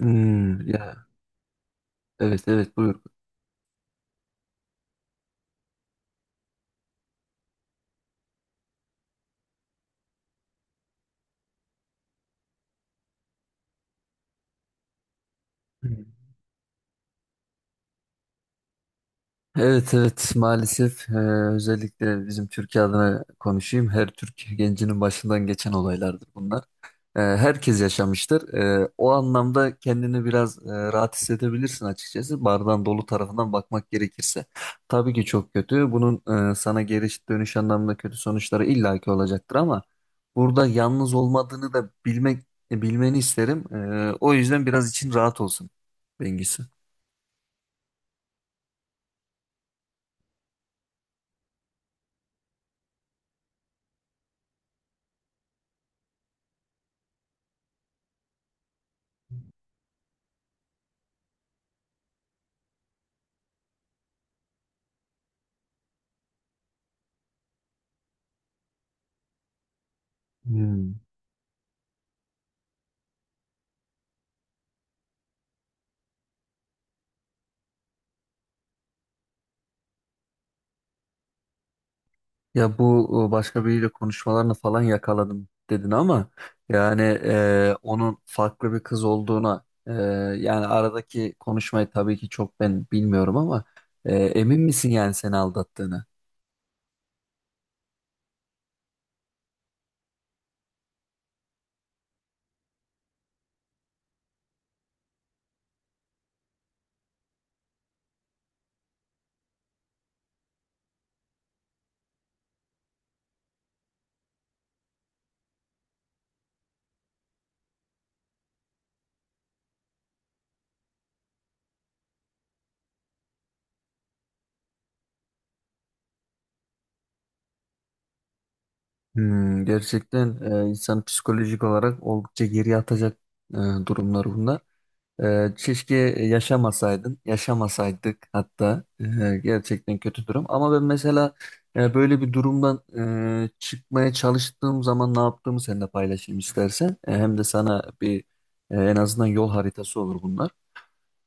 Hmm, ya evet evet buyur. Hı. Evet evet maalesef özellikle bizim Türkiye adına konuşayım. Her Türk gencinin başından geçen olaylardır bunlar. Herkes yaşamıştır. O anlamda kendini biraz rahat hissedebilirsin açıkçası. Bardağın dolu tarafından bakmak gerekirse. Tabii ki çok kötü. Bunun sana geri dönüş anlamında kötü sonuçları illaki olacaktır ama burada yalnız olmadığını da bilmeni isterim. O yüzden biraz için rahat olsun Bengisu. Hmm. Ya bu başka biriyle konuşmalarını falan yakaladım dedin ama yani onun farklı bir kız olduğuna yani aradaki konuşmayı tabii ki çok ben bilmiyorum ama emin misin yani seni aldattığını? Hmm, gerçekten insan psikolojik olarak oldukça geriye atacak e, durumlar bunlar. Keşke yaşamasaydın, yaşamasaydık hatta. Gerçekten kötü durum. Ama ben mesela böyle bir durumdan çıkmaya çalıştığım zaman ne yaptığımı seninle paylaşayım istersen. Hem de sana bir en azından yol haritası olur bunlar.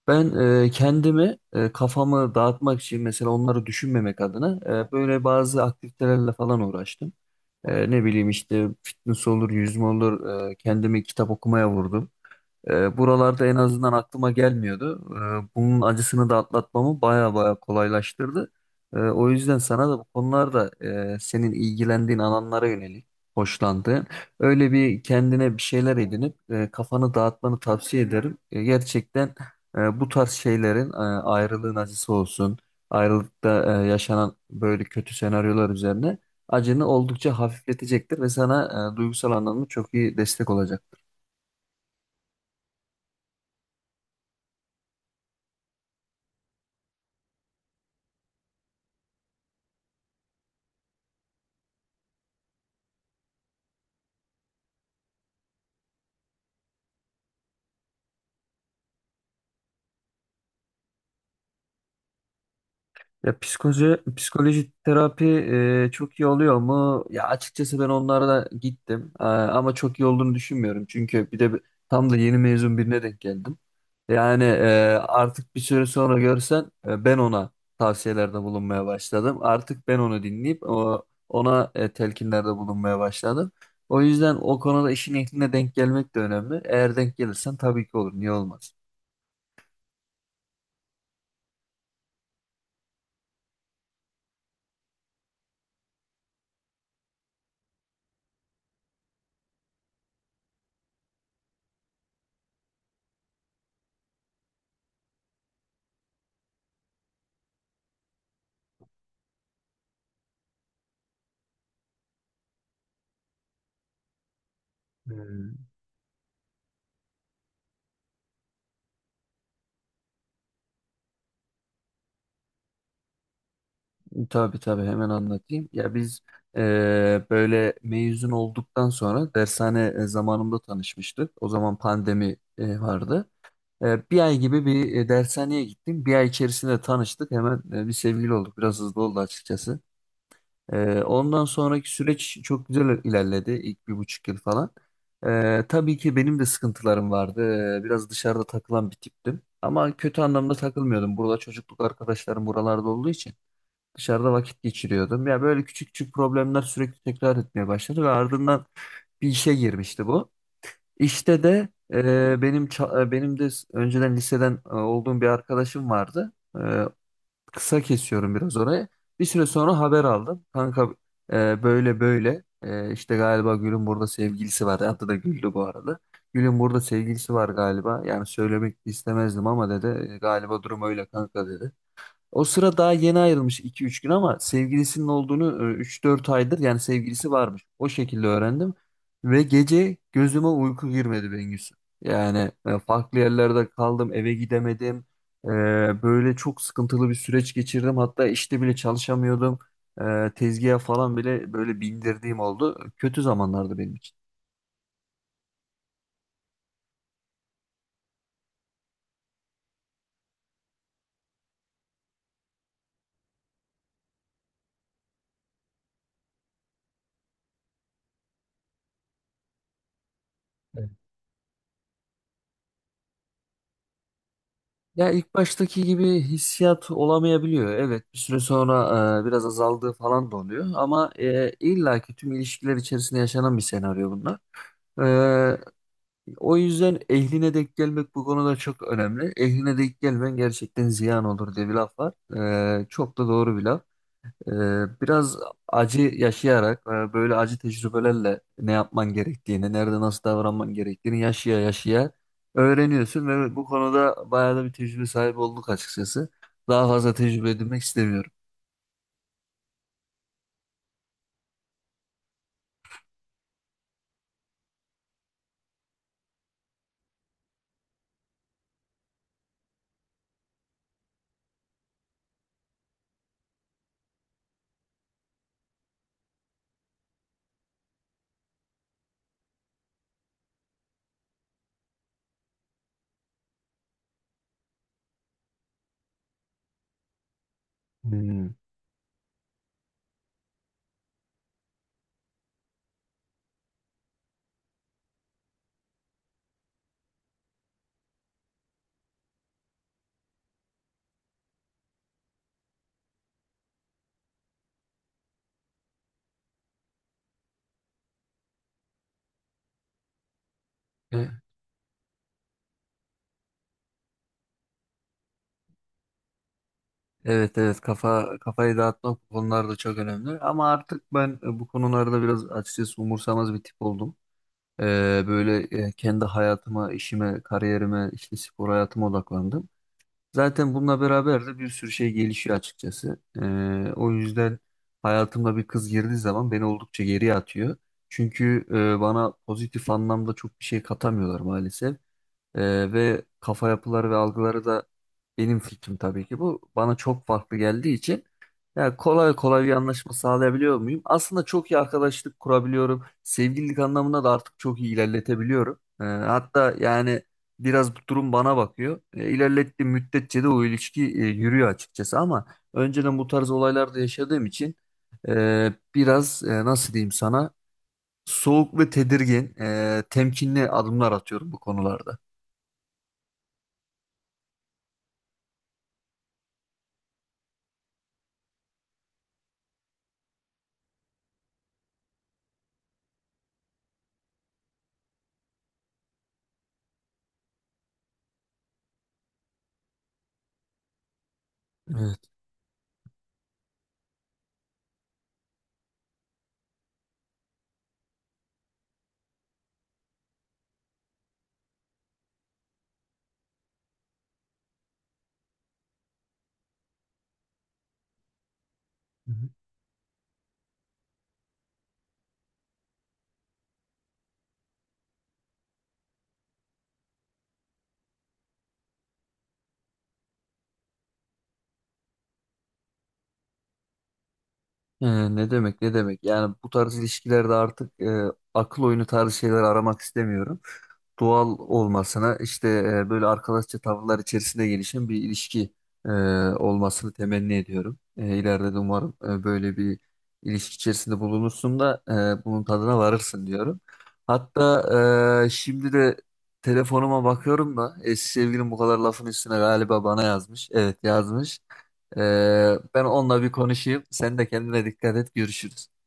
Ben kafamı dağıtmak için mesela onları düşünmemek adına böyle bazı aktivitelerle falan uğraştım. Ne bileyim işte fitness olur, yüzme olur. Kendimi kitap okumaya vurdum. Buralarda en azından aklıma gelmiyordu. Bunun acısını da atlatmamı baya baya kolaylaştırdı. O yüzden sana da bu konularda senin ilgilendiğin alanlara yönelik hoşlandığın öyle bir kendine bir şeyler edinip kafanı dağıtmanı tavsiye ederim. Gerçekten bu tarz şeylerin ayrılığın acısı olsun, ayrılıkta yaşanan böyle kötü senaryolar üzerine acını oldukça hafifletecektir ve sana duygusal anlamda çok iyi destek olacak. Ya psikoloji terapi çok iyi oluyor mu? Ya açıkçası ben onlara da gittim. Ama çok iyi olduğunu düşünmüyorum. Çünkü bir de tam da yeni mezun birine denk geldim. Yani artık bir süre sonra görsen ben ona tavsiyelerde bulunmaya başladım. Artık ben onu dinleyip ona telkinlerde bulunmaya başladım. O yüzden o konuda işin ehline denk gelmek de önemli. Eğer denk gelirsen tabii ki olur. Niye olmaz? Hmm. Tabii tabii hemen anlatayım. Ya biz böyle mezun olduktan sonra dershane zamanında tanışmıştık. O zaman pandemi vardı. Bir ay gibi bir dershaneye gittim. Bir ay içerisinde tanıştık. Hemen bir sevgili olduk. Biraz hızlı oldu açıkçası. Ondan sonraki süreç çok güzel ilerledi. İlk 1,5 yıl falan. Tabii ki benim de sıkıntılarım vardı. Biraz dışarıda takılan bir tiptim. Ama kötü anlamda takılmıyordum. Burada çocukluk arkadaşlarım buralarda olduğu için. Dışarıda vakit geçiriyordum. Ya böyle küçük küçük problemler sürekli tekrar etmeye başladı ve ardından bir işe girmişti bu. İşte de benim de önceden liseden olduğum bir arkadaşım vardı. E, kısa kesiyorum biraz orayı. Bir süre sonra haber aldım. Kanka böyle böyle işte galiba Gül'ün burada sevgilisi var. Adı da Gül'dü bu arada. Gül'ün burada sevgilisi var galiba. Yani söylemek istemezdim ama dedi. Galiba durum öyle kanka dedi. O sıra daha yeni ayrılmış 2-3 gün ama sevgilisinin olduğunu 3-4 aydır yani sevgilisi varmış. O şekilde öğrendim. Ve gece gözüme uyku girmedi Bengüsü. Yani farklı yerlerde kaldım, eve gidemedim. E, Böyle çok sıkıntılı bir süreç geçirdim. Hatta işte bile çalışamıyordum. Tezgaha falan bile böyle bindirdiğim oldu. Kötü zamanlardı benim için. Evet. Ya ilk baştaki gibi hissiyat olamayabiliyor. Evet, bir süre sonra biraz azaldığı falan da oluyor. Ama illaki tüm ilişkiler içerisinde yaşanan bir senaryo bunlar. E, o yüzden ehline denk gelmek bu konuda çok önemli. Ehline denk gelmen gerçekten ziyan olur diye bir laf var. Çok da doğru bir laf. Biraz acı yaşayarak böyle acı tecrübelerle ne yapman gerektiğini, nerede nasıl davranman gerektiğini yaşaya yaşaya öğreniyorsun ve bu konuda bayağı da bir tecrübe sahibi olduk açıkçası. Daha fazla tecrübe edinmek istemiyorum. Hmm. E, Evet evet kafayı dağıtmak bu konularda çok önemli ama artık ben bu konularda biraz açıkçası umursamaz bir tip oldum. Böyle kendi hayatıma, işime, kariyerime, işte spor hayatıma odaklandım. Zaten bununla beraber de bir sürü şey gelişiyor açıkçası. O yüzden hayatıma bir kız girdiği zaman beni oldukça geriye atıyor. Çünkü bana pozitif anlamda çok bir şey katamıyorlar maalesef. Ve kafa yapıları ve algıları da benim fikrim tabii ki bu. Bana çok farklı geldiği için ya kolay kolay bir anlaşma sağlayabiliyor muyum? Aslında çok iyi arkadaşlık kurabiliyorum. Sevgililik anlamında da artık çok iyi ilerletebiliyorum. Hatta yani biraz bu durum bana bakıyor. İlerlettiğim müddetçe de o ilişki yürüyor açıkçası ama önceden bu tarz olaylarda yaşadığım için biraz nasıl diyeyim sana soğuk ve tedirgin, temkinli adımlar atıyorum bu konularda. Evet. Hı hı. Ne demek ne demek yani bu tarz ilişkilerde artık akıl oyunu tarzı şeyler aramak istemiyorum. Doğal olmasına işte böyle arkadaşça tavırlar içerisinde gelişen bir ilişki e, olmasını temenni ediyorum. E, ileride de umarım böyle bir ilişki içerisinde bulunursun da bunun tadına varırsın diyorum. Hatta şimdi de telefonuma bakıyorum da eski sevgilim bu kadar lafın üstüne galiba bana yazmış. Evet yazmış. E, ben onunla bir konuşayım. Sen de kendine dikkat et. Görüşürüz.